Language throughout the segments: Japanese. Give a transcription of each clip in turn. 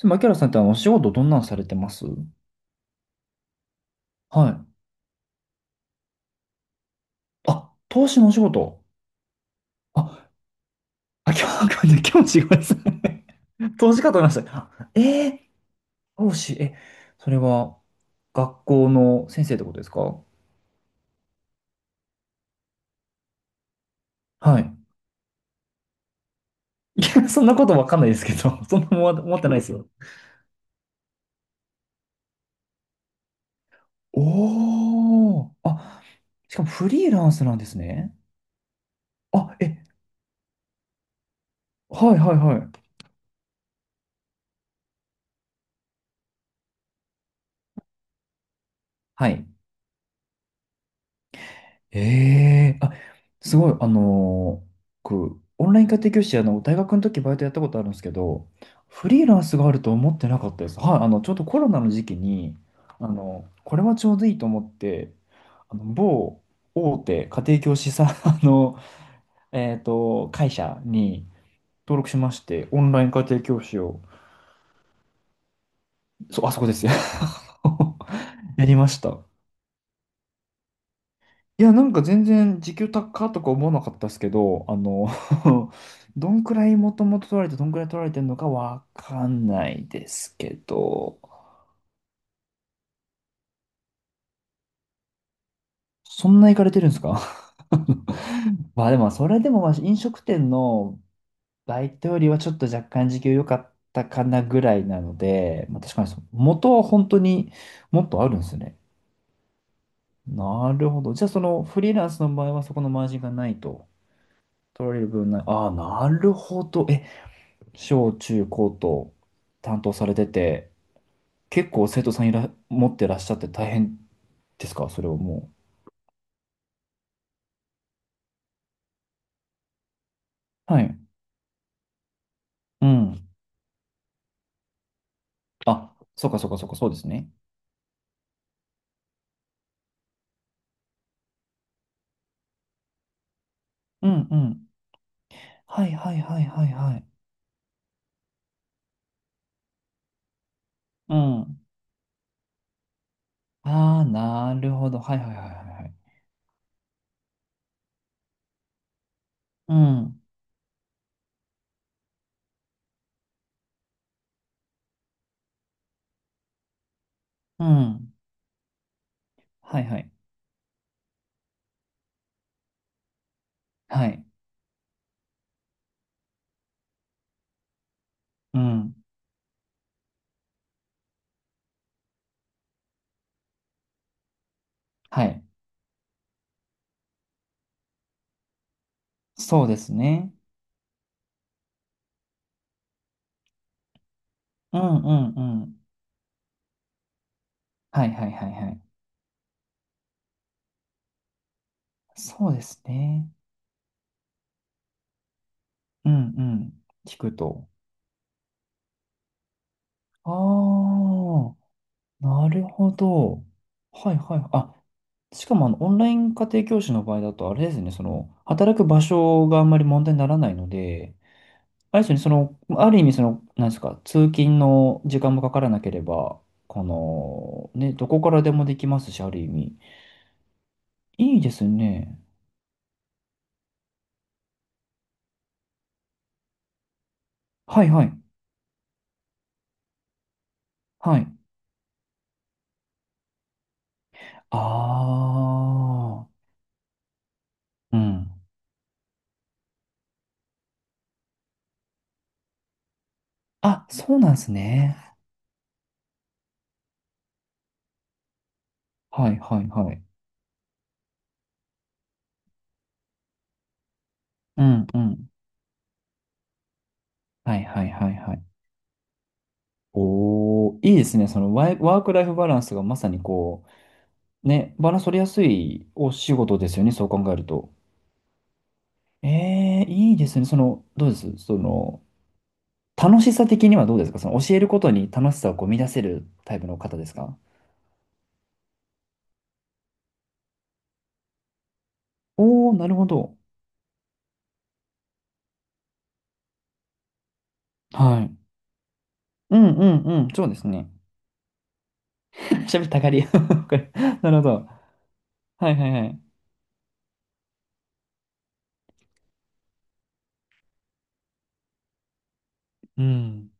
でも、キ原さんってお仕事どんなんされてます？はい。あ、投資のお仕事。あ、あ、今日わかんない。今日違いますね。投資かと思いました。投資、それは、学校の先生ってことですか？はい。いや、そんなことわかんないですけど、そんなもん思ってないですよ。おー。あ、しかもフリーランスなんですね。あ、え、はいはいはい。はい。ええあ、すごい、僕、オンライン家庭教師、大学の時バイトやったことあるんですけど、フリーランスがあると思ってなかったです。はい、ちょうどコロナの時期に、これはちょうどいいと思って、某大手家庭教師さん、会社に登録しまして、オンライン家庭教師を、そう、あそこですよ。やりました。いや、なんか全然時給高とか思わなかったですけど、どんくらいもともと取られて、どんくらい取られてるのかわかんないですけど、そんな行かれてるんですか？ まあでも、それでもまあ飲食店のバイトよりはちょっと若干時給良かったかなぐらいなので、まあ確かにそ元は本当にもっとあるんですね。なるほど。じゃあそのフリーランスの場合はそこのマージンがないと。取られる分ない。ああ、なるほど。え、小中高と担当されてて、結構生徒さんいら、持ってらっしゃって大変ですかそれをもう。はい。うん。あ、そうかそうかそうか、そうですね。うんうん。はいはいはいはいはい。うん。ああ、なるほど。はいはいはいはいはい。うん。うん。はいはい。はい。うん。はい。そうですね。うんうんうん。はいはいはいはい。そうですね。うんうん。聞くと。ああ。なるほど。はいはい。あ、しかもオンライン家庭教師の場合だと、あれですね、その、働く場所があんまり問題にならないので、あれですよね、その、ある意味、その、なんですか、通勤の時間もかからなければ、この、ね、どこからでもできますし、ある意味。いいですね。はいはい。はい。ああ、うん。あ、そうなんですね。はいはいはい。うんうん。はいはいはいはい。おー、いいですね。そのワークライフバランスがまさにこう、ね、バランス取りやすいお仕事ですよね。そう考えると。えー、いいですね。その、どうですその、楽しさ的にはどうですかその教えることに楽しさをこう見出せるタイプの方ですか？おー、なるほど。はい。うんうんうん。そうですね。喋ったがり。わかるなるほど。はいはいはい。うん。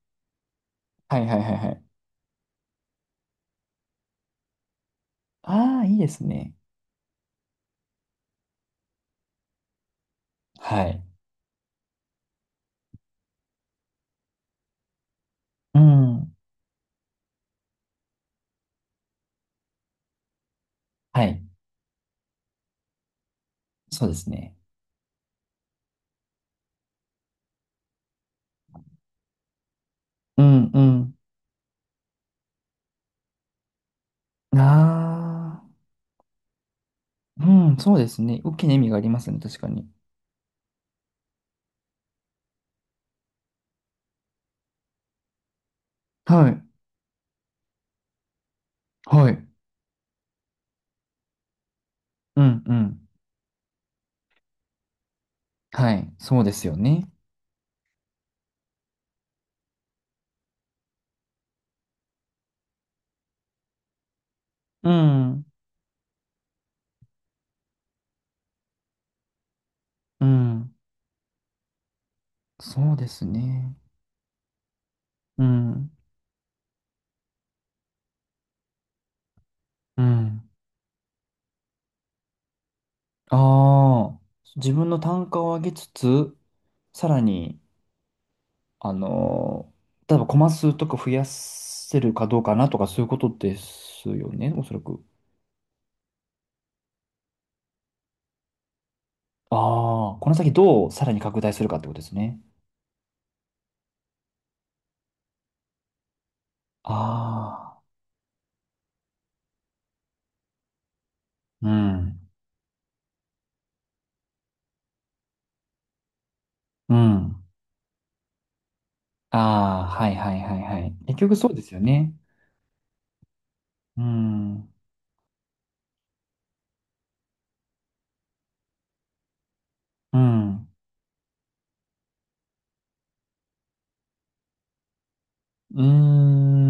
はいはいはいはい。ああ、いいですね。はい。うん。はい。そうですね。うんうん。ああ、うん、そうですね。大きな意味がありますね、確かに。はい、はい。うん、うん。はい、そうですよね。うん、うん。そうですね。うん、うん。ああ、自分の単価を上げつつ、さらに、あの例えばコマ数とか増やせるかどうかなとか、そういうことですよね、おそらく。ああ、この先どうさらに拡大するかってことですね。ああ、うん、うん。ああ、はいはいはいはい。結局そうですよね。うん。うん。うー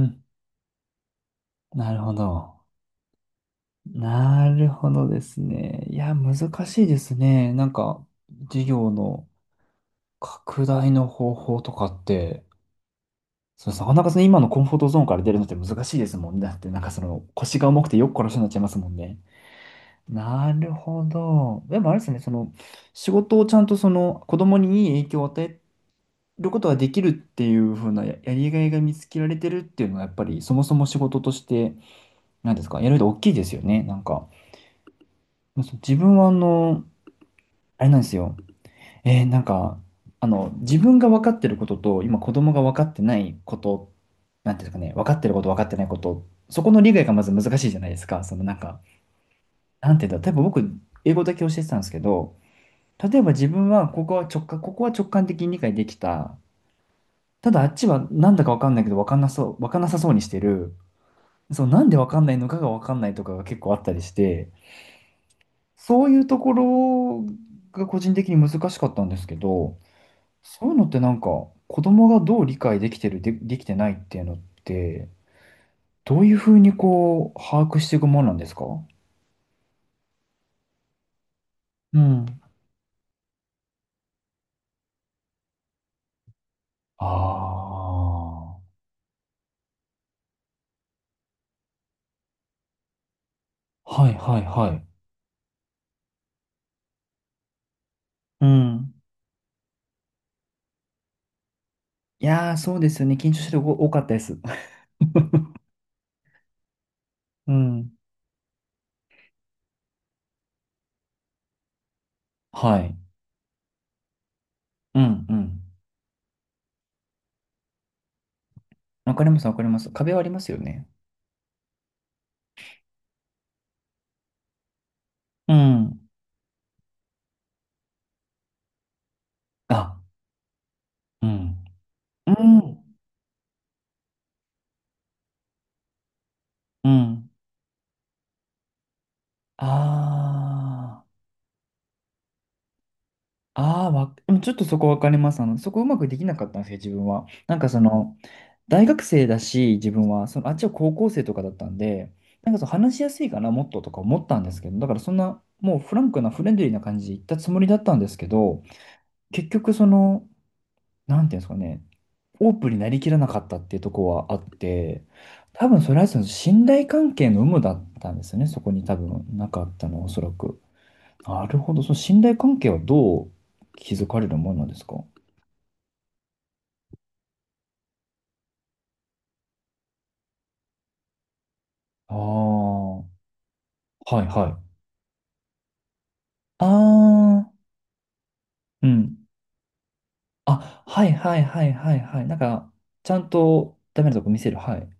ん。なるほど。なるほどですね。いや、難しいですね。なんか、事業の拡大の方法とかって、そう、なかなかその今のコンフォートゾーンから出るのって難しいですもんね。だって、なんかその腰が重くてよく殺しになっちゃいますもんね。なるほど。でもあれですね、その仕事をちゃんとその子供にいい影響を与えることができるっていう風なやりがいが見つけられてるっていうのはやっぱりそもそも仕事として何ですかやると大きいですよねなんかそう自分はあれなんですよなんか自分が分かってることと今子供が分かってないことなんていうんですかね分かってること分かってないことそこの理解がまず難しいじゃないですかそのなんかなんていうんだ例えば僕英語だけ教えてたんですけど例えば自分はここは直感ここは直感的に理解できたただあっちはなんだかわかんないけどわかんなそう、わかんなさそうにしてる。そう、なんでわかんないのかがわかんないとかが結構あったりして、そういうところが個人的に難しかったんですけど、そういうのってなんか子供がどう理解できてる、で、できてないっていうのって、どういうふうにこう把握していくもんなんですか？うん。ああ。はいはいはい。うん。いやー、そうですよね。緊張してる子多かったです。うん。はい。うんうん。わかりますわかります。壁はありますよね。うん。あ、うん。うん。うん。ああ、ああ、でもちょっとそこわかります。そこうまくできなかったんですよ、自分は。なんかその、大学生だし、自分は、その、あっちは高校生とかだったんで、なんかそう話しやすいかな、もっととか思ったんですけど、だからそんな、もうフランクなフレンドリーな感じで言ったつもりだったんですけど、結局その、なんていうんですかね、オープンになりきらなかったっていうとこはあって、多分それはその信頼関係の有無だったんですよね、そこに多分なかったのおそらく。なるほど。その信頼関係はどう築かれるものなんですか？ああー、はいはい。ああ、うん。あ、はいはいはいはいはい。なんか、ちゃんとダメなとこ見せる。はい。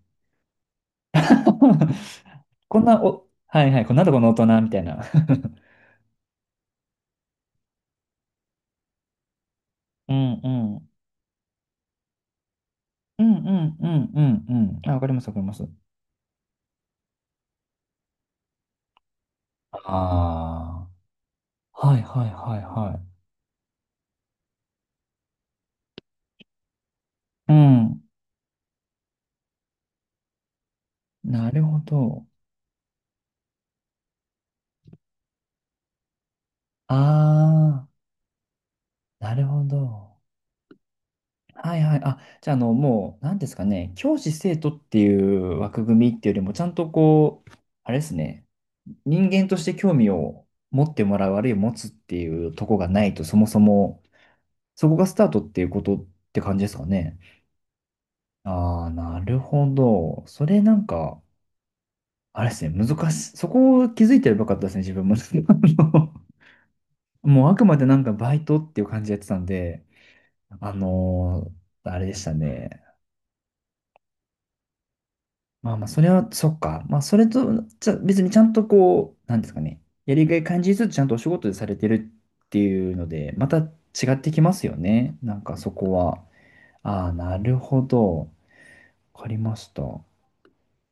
こんな、お、はいはい。こんなとこの大人みたいな。うんうん。うんうんうんうんうん。あ、わかります、わかります。ああ、はいはいはいはい。うん。なるほど。ああ、なるほど。はいはい。あ、じゃあ、もう、なんですかね、教師生徒っていう枠組みっていうよりも、ちゃんとこう、あれですね、人間として興味を持ってもらう、あるいは持つっていうとこがないと、そもそも、そこがスタートっていうことって感じですかね。ああ、なるほど。それなんか、あれですね、難しい。そこを気づいてればよかったですね、自分も。あのもう、あくまでなんかバイトっていう感じでやってたんで、あのーあれでしたね。まあまあ、それは、そっか。まあ、それと、じゃ、別にちゃんとこう、なんですかね。やりがい感じずつちゃんとお仕事でされてるっていうので、また違ってきますよね。なんかそこは。ああ、なるほど。わかりました。